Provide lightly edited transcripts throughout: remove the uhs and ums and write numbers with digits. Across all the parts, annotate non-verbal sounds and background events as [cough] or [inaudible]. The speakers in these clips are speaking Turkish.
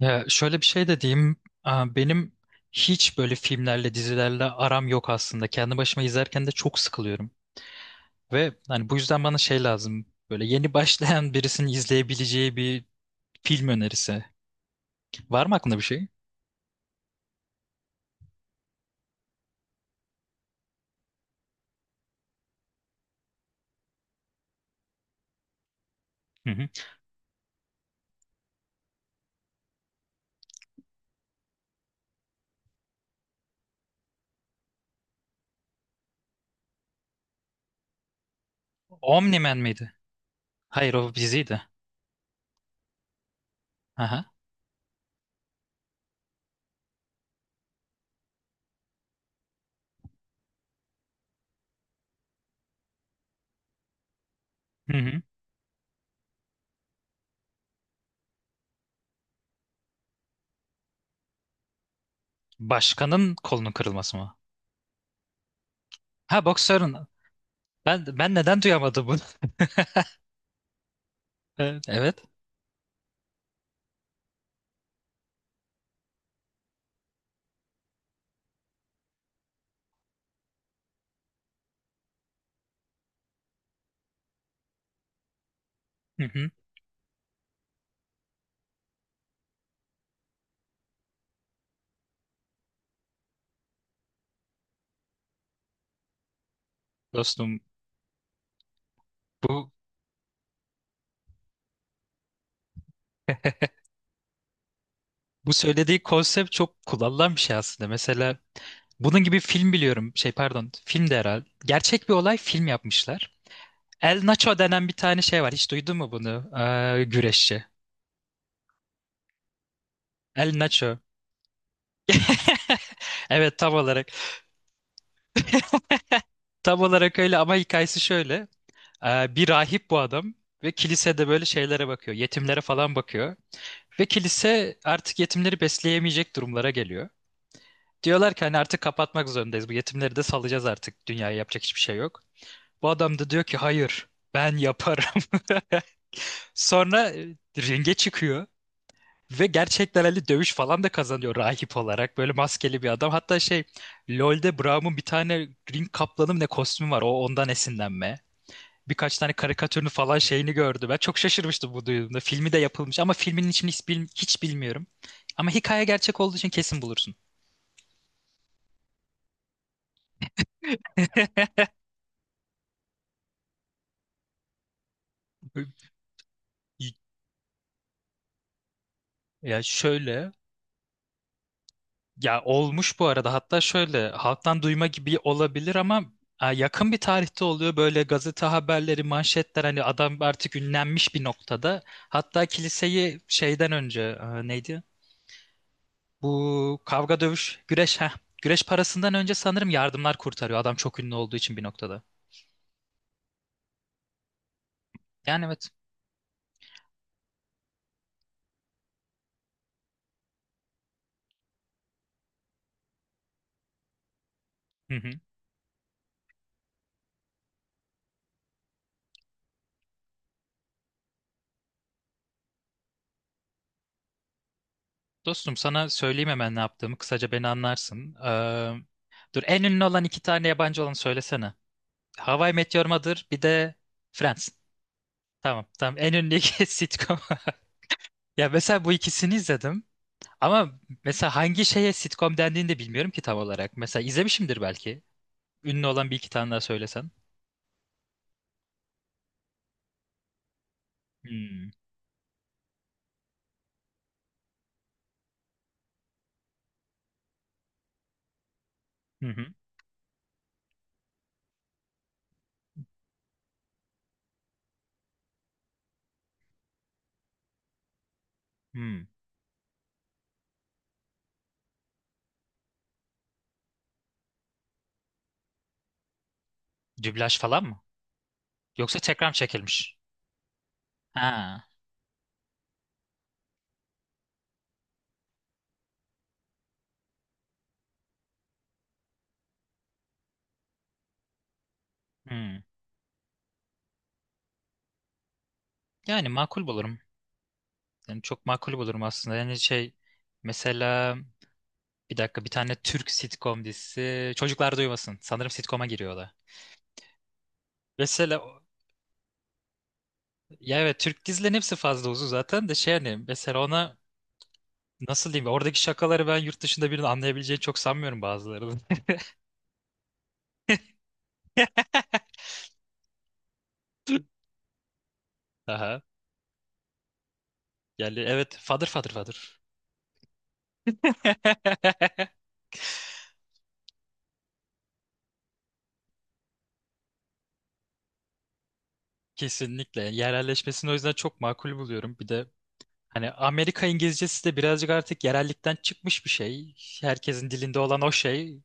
Ya şöyle bir şey de diyeyim. Aa, benim hiç böyle filmlerle, dizilerle aram yok aslında. Kendi başıma izlerken de çok sıkılıyorum. Ve hani bu yüzden bana şey lazım. Böyle yeni [laughs] başlayan birisinin izleyebileceği bir film önerisi. Var mı aklında bir şey? Hı hı. Omni-Man miydi? Hayır, o diziydi. Aha. Hı hı. Başkanın kolunun kırılması mı? Ha, boksörün. Ben neden duyamadım bunu? [laughs] Evet. Hı hı. Dostum, bu bu söylediği konsept çok kullanılan bir şey aslında. Mesela bunun gibi film biliyorum. Şey pardon, film de herhalde. Gerçek bir olay, film yapmışlar. El Nacho denen bir tane şey var. Hiç duydun mu bunu? Güreşçi. El Nacho. [laughs] Evet, tam olarak. Tam olarak öyle ama hikayesi şöyle. Bir rahip bu adam ve kilisede böyle şeylere bakıyor. Yetimlere falan bakıyor. Ve kilise artık yetimleri besleyemeyecek durumlara geliyor. Diyorlar ki hani artık kapatmak zorundayız. Bu yetimleri de salacağız artık. Dünyaya yapacak hiçbir şey yok. Bu adam da diyor ki hayır, ben yaparım. [laughs] Sonra ringe çıkıyor ve gerçekten hani dövüş falan da kazanıyor rahip olarak. Böyle maskeli bir adam. Hatta şey, LoL'de Braum'un bir tane ring kaplanı mı ne kostümü var. O ondan esinlenme. Birkaç tane karikatürünü falan şeyini gördüm. Ben çok şaşırmıştım bu duyduğumda. Filmi de yapılmış ama filmin içini hiç, hiç bilmiyorum. Ama hikaye gerçek olduğu için kesin bulursun. Ya şöyle, ya olmuş bu arada. Hatta şöyle halktan duyma gibi olabilir ama yakın bir tarihte oluyor. Böyle gazete haberleri, manşetler, hani adam artık ünlenmiş bir noktada. Hatta kiliseyi şeyden önce, neydi, bu kavga, dövüş, güreş, ha güreş parasından önce sanırım yardımlar kurtarıyor adam, çok ünlü olduğu için bir noktada. Yani evet. Hı hı. Dostum, sana söyleyeyim hemen ne yaptığımı, kısaca beni anlarsın. Dur, en ünlü olan iki tane yabancı olanı söylesene. Hawaii Meteor Mother, bir de Friends. Tamam, tamam, en ünlüdeki [laughs] sitcom. [laughs] Ya mesela bu ikisini izledim. Ama mesela hangi şeye sitcom dendiğini de bilmiyorum ki tam olarak. Mesela izlemişimdir belki. Ünlü olan bir iki tane daha söylesen. Hmm. Hı hı. Hmm. Dublaj falan mı? Yoksa tekrar mı çekilmiş? Ha. Hmm. Yani makul bulurum. Yani çok makul bulurum aslında. Yani şey, mesela, bir dakika, bir tane Türk sitcom dizisi. Çocuklar Duymasın. Sanırım sitcom'a giriyor o da. Mesela o- ya evet, Türk dizilerin hepsi fazla uzun zaten de, şey, hani mesela ona nasıl diyeyim? Oradaki şakaları ben yurt dışında birinin anlayabileceğini çok sanmıyorum, bazılarının. [laughs] Aha. Yani evet, fadır fadır fadır. [laughs] Kesinlikle. Yerelleşmesini o yüzden çok makul buluyorum. Bir de hani Amerika İngilizcesi de birazcık artık yerellikten çıkmış bir şey. Herkesin dilinde olan o şey.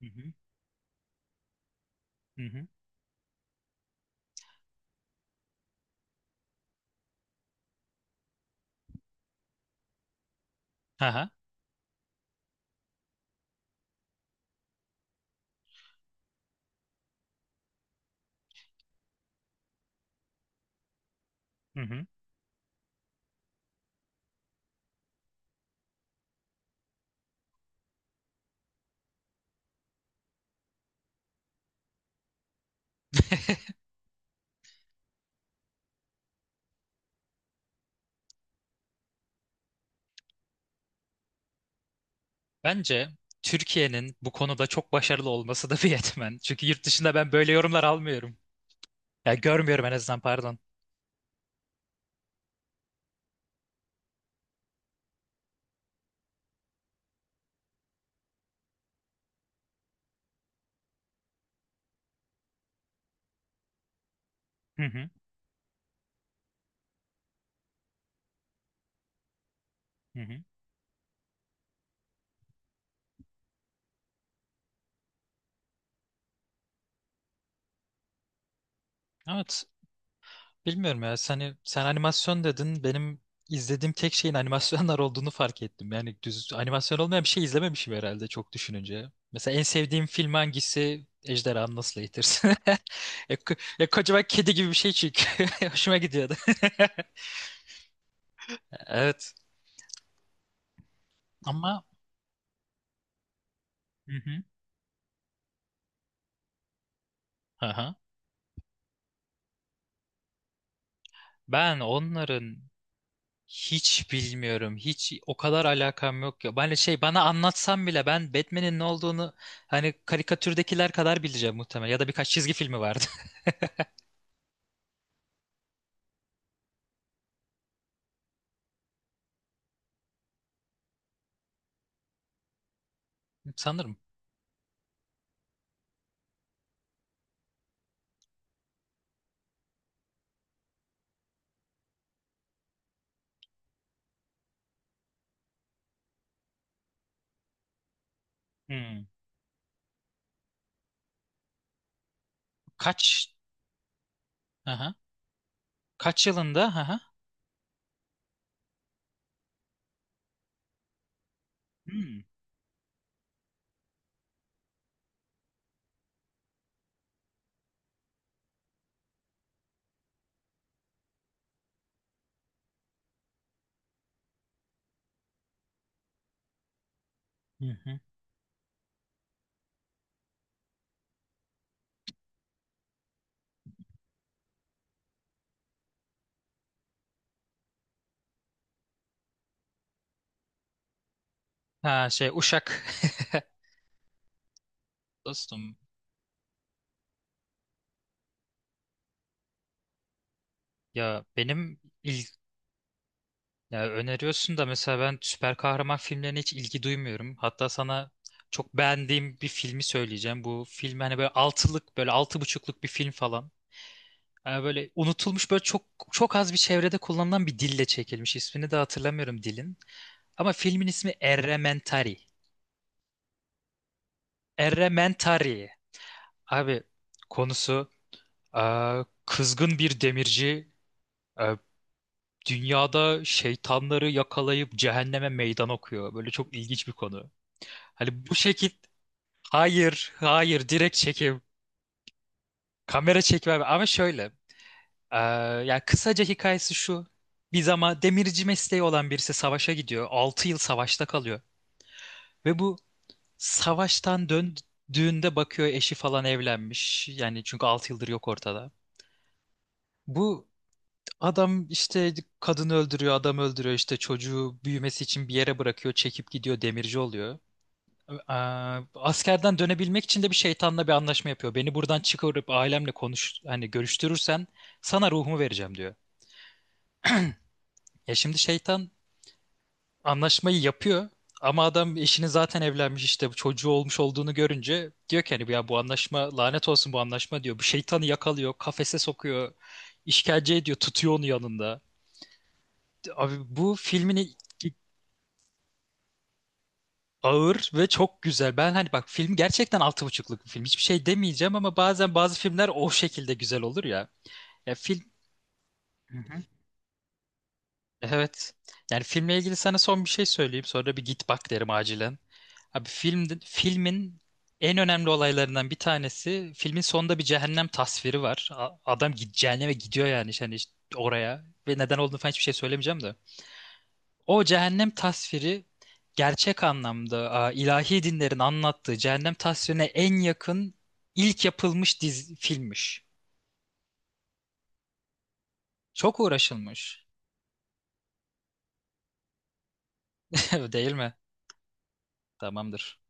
Hı hı. Hı hı. Aha. Hı hı. Bence Türkiye'nin bu konuda çok başarılı olması da bir [laughs] yetmen. Çünkü yurt dışında ben böyle yorumlar almıyorum. Ya görmüyorum en azından, pardon. Hı hı. Hı hı. Evet. Bilmiyorum ya. Sen animasyon dedin. Benim izlediğim tek şeyin [laughs] animasyonlar olduğunu fark ettim. Yani düz animasyon olmayan bir şey izlememişim herhalde, çok düşününce. Mesela en sevdiğim film hangisi? Ejderhanı Nasıl Eğitirsin? [laughs] Ya, ya kocaman kedi gibi bir şey çünkü. [laughs] Hoşuma gidiyordu. [laughs] Evet. Ama hı hı. Aha. Ben onların hiç bilmiyorum. Hiç o kadar alakam yok ya. Ben şey, bana anlatsam bile ben Batman'in ne olduğunu hani karikatürdekiler kadar bileceğim muhtemelen. Ya da birkaç çizgi filmi vardı. [laughs] Sanırım. Hmm. Kaç? Aha. Kaç yılında? Aha. Hmm. Hı hı. Ha şey, uşak. [laughs] Dostum, ya benim il, ya öneriyorsun da mesela ben süper kahraman filmlerine hiç ilgi duymuyorum. Hatta sana çok beğendiğim bir filmi söyleyeceğim. Bu film hani böyle altılık, böyle altı buçukluk bir film falan. Yani böyle unutulmuş, böyle çok çok az bir çevrede kullanılan bir dille çekilmiş. İsmini de hatırlamıyorum dilin. Ama filmin ismi Errementari. Errementari. Abi, konusu kızgın bir demirci eee, dünyada şeytanları yakalayıp cehenneme meydan okuyor. Böyle çok ilginç bir konu. Hani bu şekil, hayır hayır, direkt çekim, kamera çekimi abi. Ama şöyle, Ee, yani kısaca hikayesi şu. Bir zaman demirci mesleği olan birisi savaşa gidiyor. 6 yıl savaşta kalıyor. Ve bu savaştan döndüğünde bakıyor, eşi falan evlenmiş. Yani çünkü 6 yıldır yok ortada. Bu adam işte kadını öldürüyor, adam öldürüyor, işte çocuğu büyümesi için bir yere bırakıyor, çekip gidiyor, demirci oluyor. Ee, Askerden dönebilmek için de bir şeytanla bir anlaşma yapıyor. Beni buradan çıkarıp ailemle konuş, hani görüştürürsen sana ruhumu vereceğim diyor. Ya şimdi şeytan anlaşmayı yapıyor ama adam eşini zaten evlenmiş, işte çocuğu olmuş olduğunu görünce diyor ki hani ya, bu anlaşma, lanet olsun bu anlaşma diyor. Bu şeytanı yakalıyor, kafese sokuyor, işkence ediyor, tutuyor onu yanında. Abi, bu filmin ağır ve çok güzel. Ben hani bak, film gerçekten altı buçukluk bir film. Hiçbir şey demeyeceğim ama bazen bazı filmler o şekilde güzel olur ya. Ya film, evet. Yani filmle ilgili sana son bir şey söyleyeyim. Sonra da bir git bak derim acilen. Abi film, filmin en önemli olaylarından bir tanesi filmin sonunda bir cehennem tasviri var. Adam git cehenneme gidiyor yani, işte hani işte oraya, ve neden olduğunu falan hiçbir şey söylemeyeceğim de. O cehennem tasviri gerçek anlamda, ilahi dinlerin anlattığı cehennem tasvirine en yakın ilk yapılmış dizi, filmmiş. Çok uğraşılmış. [laughs] Değil mi? Tamamdır.